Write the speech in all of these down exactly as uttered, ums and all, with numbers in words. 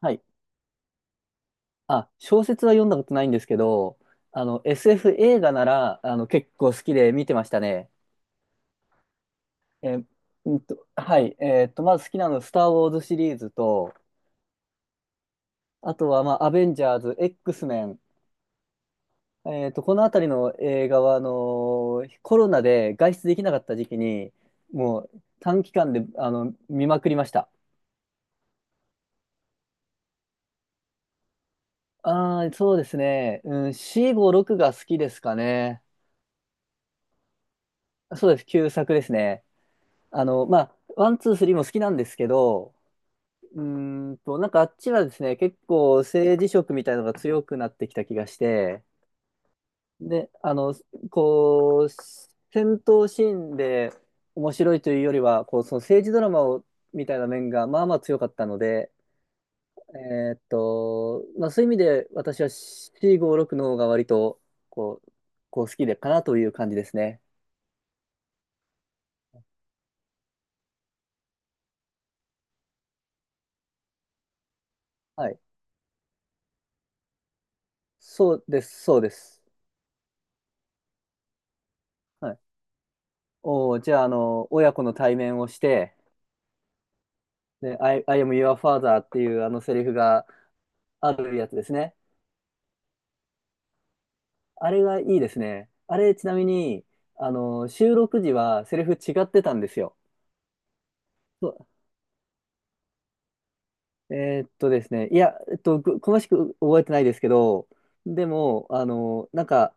はい。あ、小説は読んだことないんですけど、あの、エスエフ 映画なら、あの、結構好きで見てましたね。えー、うんと、はい。えーっと、まず好きなの、スター・ウォーズシリーズと、あとは、まあ、アベンジャーズ、X メン。えーっと、このあたりの映画は、あのーコロナで外出できなかった時期に、もう短期間で、あの、見まくりました。ああ、そうですね。うん、よん、ご、ろくが好きですかね。そうです。旧作ですね。あの、まあ、ワン、ツー、スリーも好きなんですけど、うーんと、なんかあっちはですね、結構政治色みたいなのが強くなってきた気がして、で、あの、こう、戦闘シーンで面白いというよりは、こう、その政治ドラマをみたいな面がまあまあ強かったので、えーっと、まあ、そういう意味で私は シーごじゅうろく の方が割と、こう、こう好きでかなという感じですね。はい。そうです、そうです。はい。おー、じゃあ、あの、親子の対面をして、で、I, I am your father っていうあのセリフがあるやつですね。あれがいいですね。あれ、ちなみに、あの、収録時はセリフ違ってたんですよ。そうえーっとですね、いや、えっと、ぐ詳しく覚えてないですけど、でも、あの、なんか、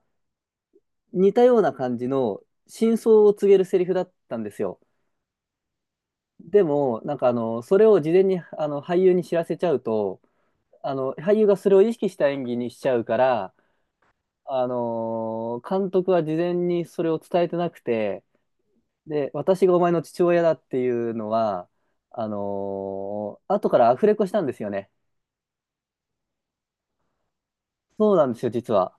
似たような感じの真相を告げるセリフだったんですよ。でも、なんかあの、それを事前にあの俳優に知らせちゃうと、あの、俳優がそれを意識した演技にしちゃうから、あのー監督は事前にそれを伝えてなくて、で、私がお前の父親だっていうのは、あのー後からアフレコしたんですよね。そうなんですよ、実は。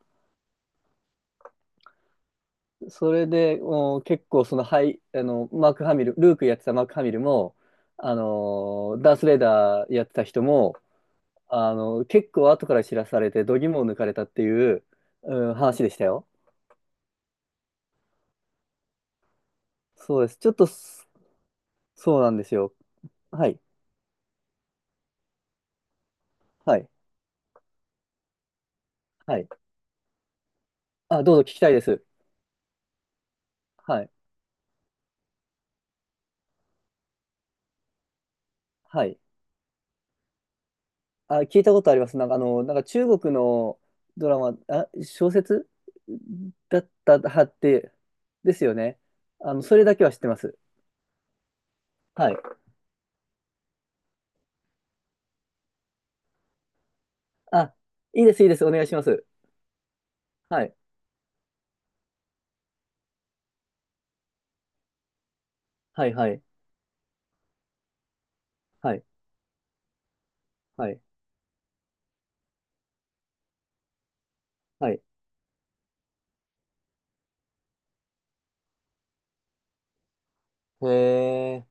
それで、お結構その、はい、あの、マーク・ハミル、ルークやってたマーク・ハミルも、あのーダース・レイダーやってた人も、あの結構後から知らされて、度肝を抜かれたっていう、うん、話でしたよ。そうです。ちょっと、そそうなんですよ。はい、はい、はい。あ、どうぞ聞きたいです。はい。はい。あ、聞いたことあります。なんか、あの、なんか中国のドラマ、あ、小説だったはって、ですよね。あの、それだけは知ってます。はい。あ、いいです、いいです。お願いします。はい。はい、はい。はい、はい、はい。へえ。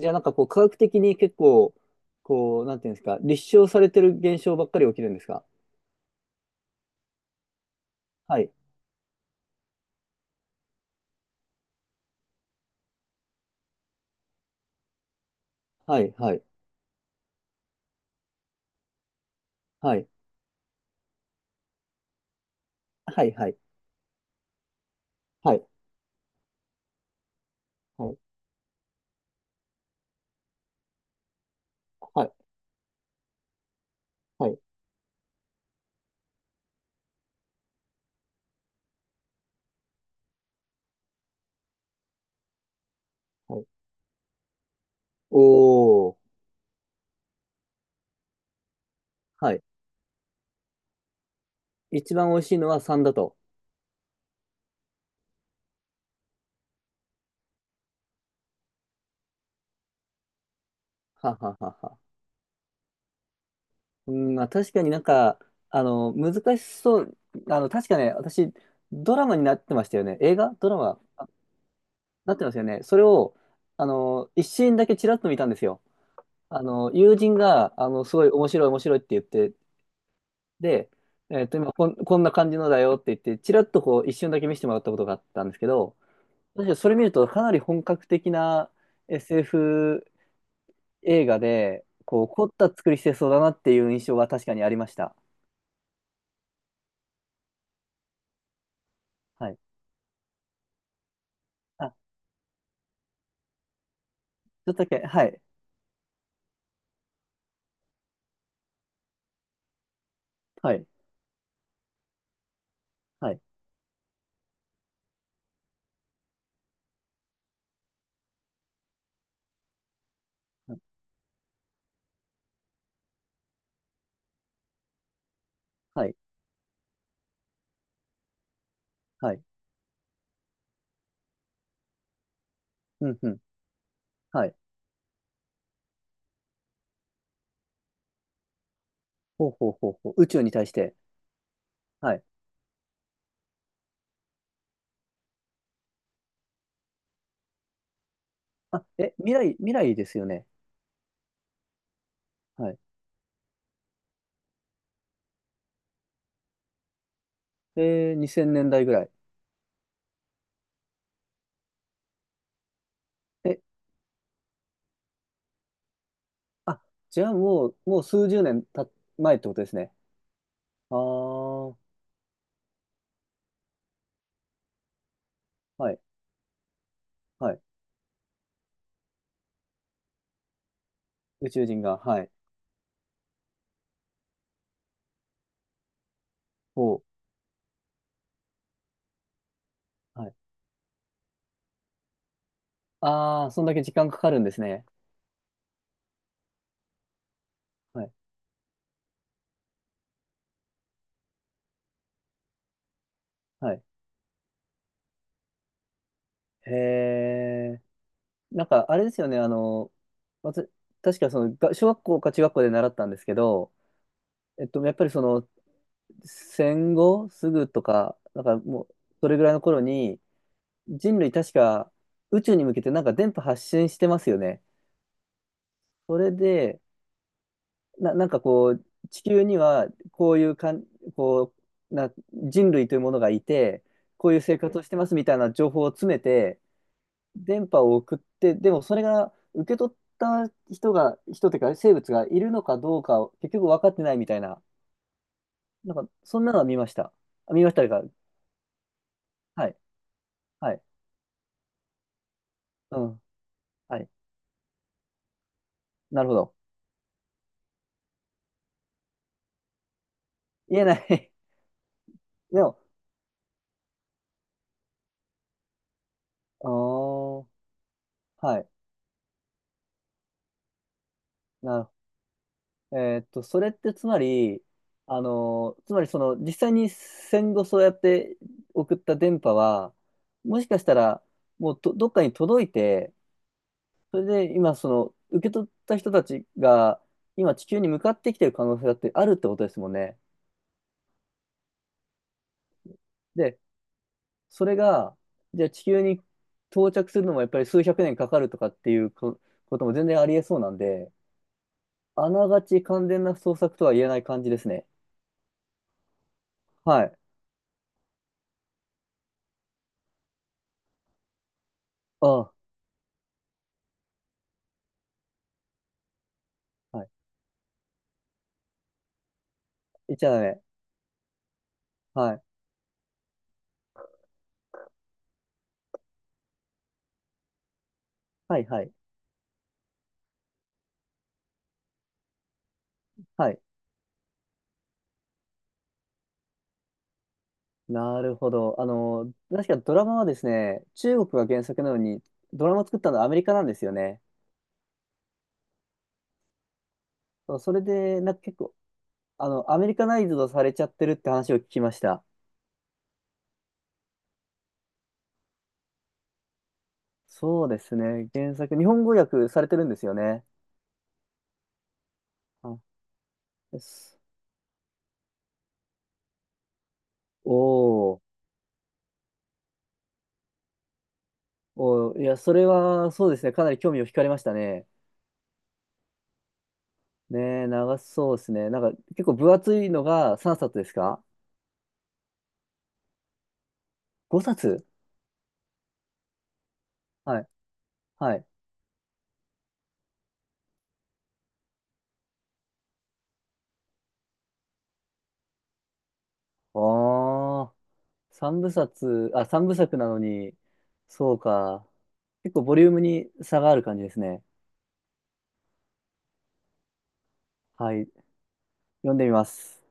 じゃあ、なんかこう、科学的に結構、こう、なんていうんですか、立証されてる現象ばっかり起きるんですか？はい、はい、はい、はい、はい、はい、はい、はい、はい、はい。はい。おー。はい。一番美味しいのはさんだと。はははは。うん、まあ確かになんか、あの、難しそう。あの、確かね、私、ドラマになってましたよね。映画ドラマあなってますよね。それを、あの、一シーンだけちらっと見たんですよ。あの、友人が、あの、すごい面白い面白いって言って、で、えっと、今こん、こんな感じのだよって言って、ちらっとこう、一瞬だけ見せてもらったことがあったんですけど、確かにそれ見ると、かなり本格的な エスエフ 映画で、こう、凝った作りしてそうだなっていう印象は確かにありました。はい。あ、ちょっとだけ、はい。はい。はい。はい。はい。うんうん。はい。ほうほうほうほう。宇宙に対して。はい。あ、え、未来、未来ですよね。はい。えー、にせんねんだいぐらい。え、あ、じゃあもう、もう数十年た前ってことですね。ああ、はい。はい。宇宙人が、はい。ほう。はい。ああ、そんだけ時間かかるんですね。はい。はい。へえ。なんか、あれですよね、あの、わた確かその、が小学校か中学校で習ったんですけど、えっと、やっぱりその、戦後すぐとか、なんかもう、それぐらいの頃に、人類確か宇宙に向けてなんか電波発信してますよね。それで、な、なんかこう、地球にはこういうかん、こう、な、人類というものがいて、こういう生活をしてますみたいな情報を詰めて、電波を送って、でもそれが受け取った人が、人というか生物がいるのかどうかを結局分かってないみたいな、なんかそんなのは見ました。あ、見ましたか。はい、はい、うん、はい、なるほど。言えない。でも、あー、はい、なる、えーっと、それってつまり、あのーつまりその実際に戦後そうやって送った電波は、もしかしたらもうとどっかに届いて、それで今、その、受け取った人たちが、今地球に向かってきてる可能性だってあるってことですもんね。で、それが、じゃあ地球に到着するのもやっぱり数百年かかるとかっていうこことも全然ありえそうなんで、あながち完全な捜索とは言えない感じですね。はい。ああ、はい。言っちゃダメ。はい。はい、はい。はい。なるほど。あの、確かドラマはですね、中国が原作なのに、ドラマを作ったのはアメリカなんですよね。そう、それで、なんか結構、あの、アメリカナイズドされちゃってるって話を聞きました。そうですね。原作、日本語訳されてるんですよね。あ、です。おー。おー、いや、それは、そうですね。かなり興味を惹かれましたね。ねえ、長そうですね。なんか、結構分厚いのがさんさつですか？ ご 冊？はい。はい。ああ、3部冊、あ、さんぶさくなのに、そうか。結構ボリュームに差がある感じですね。はい。読んでみます。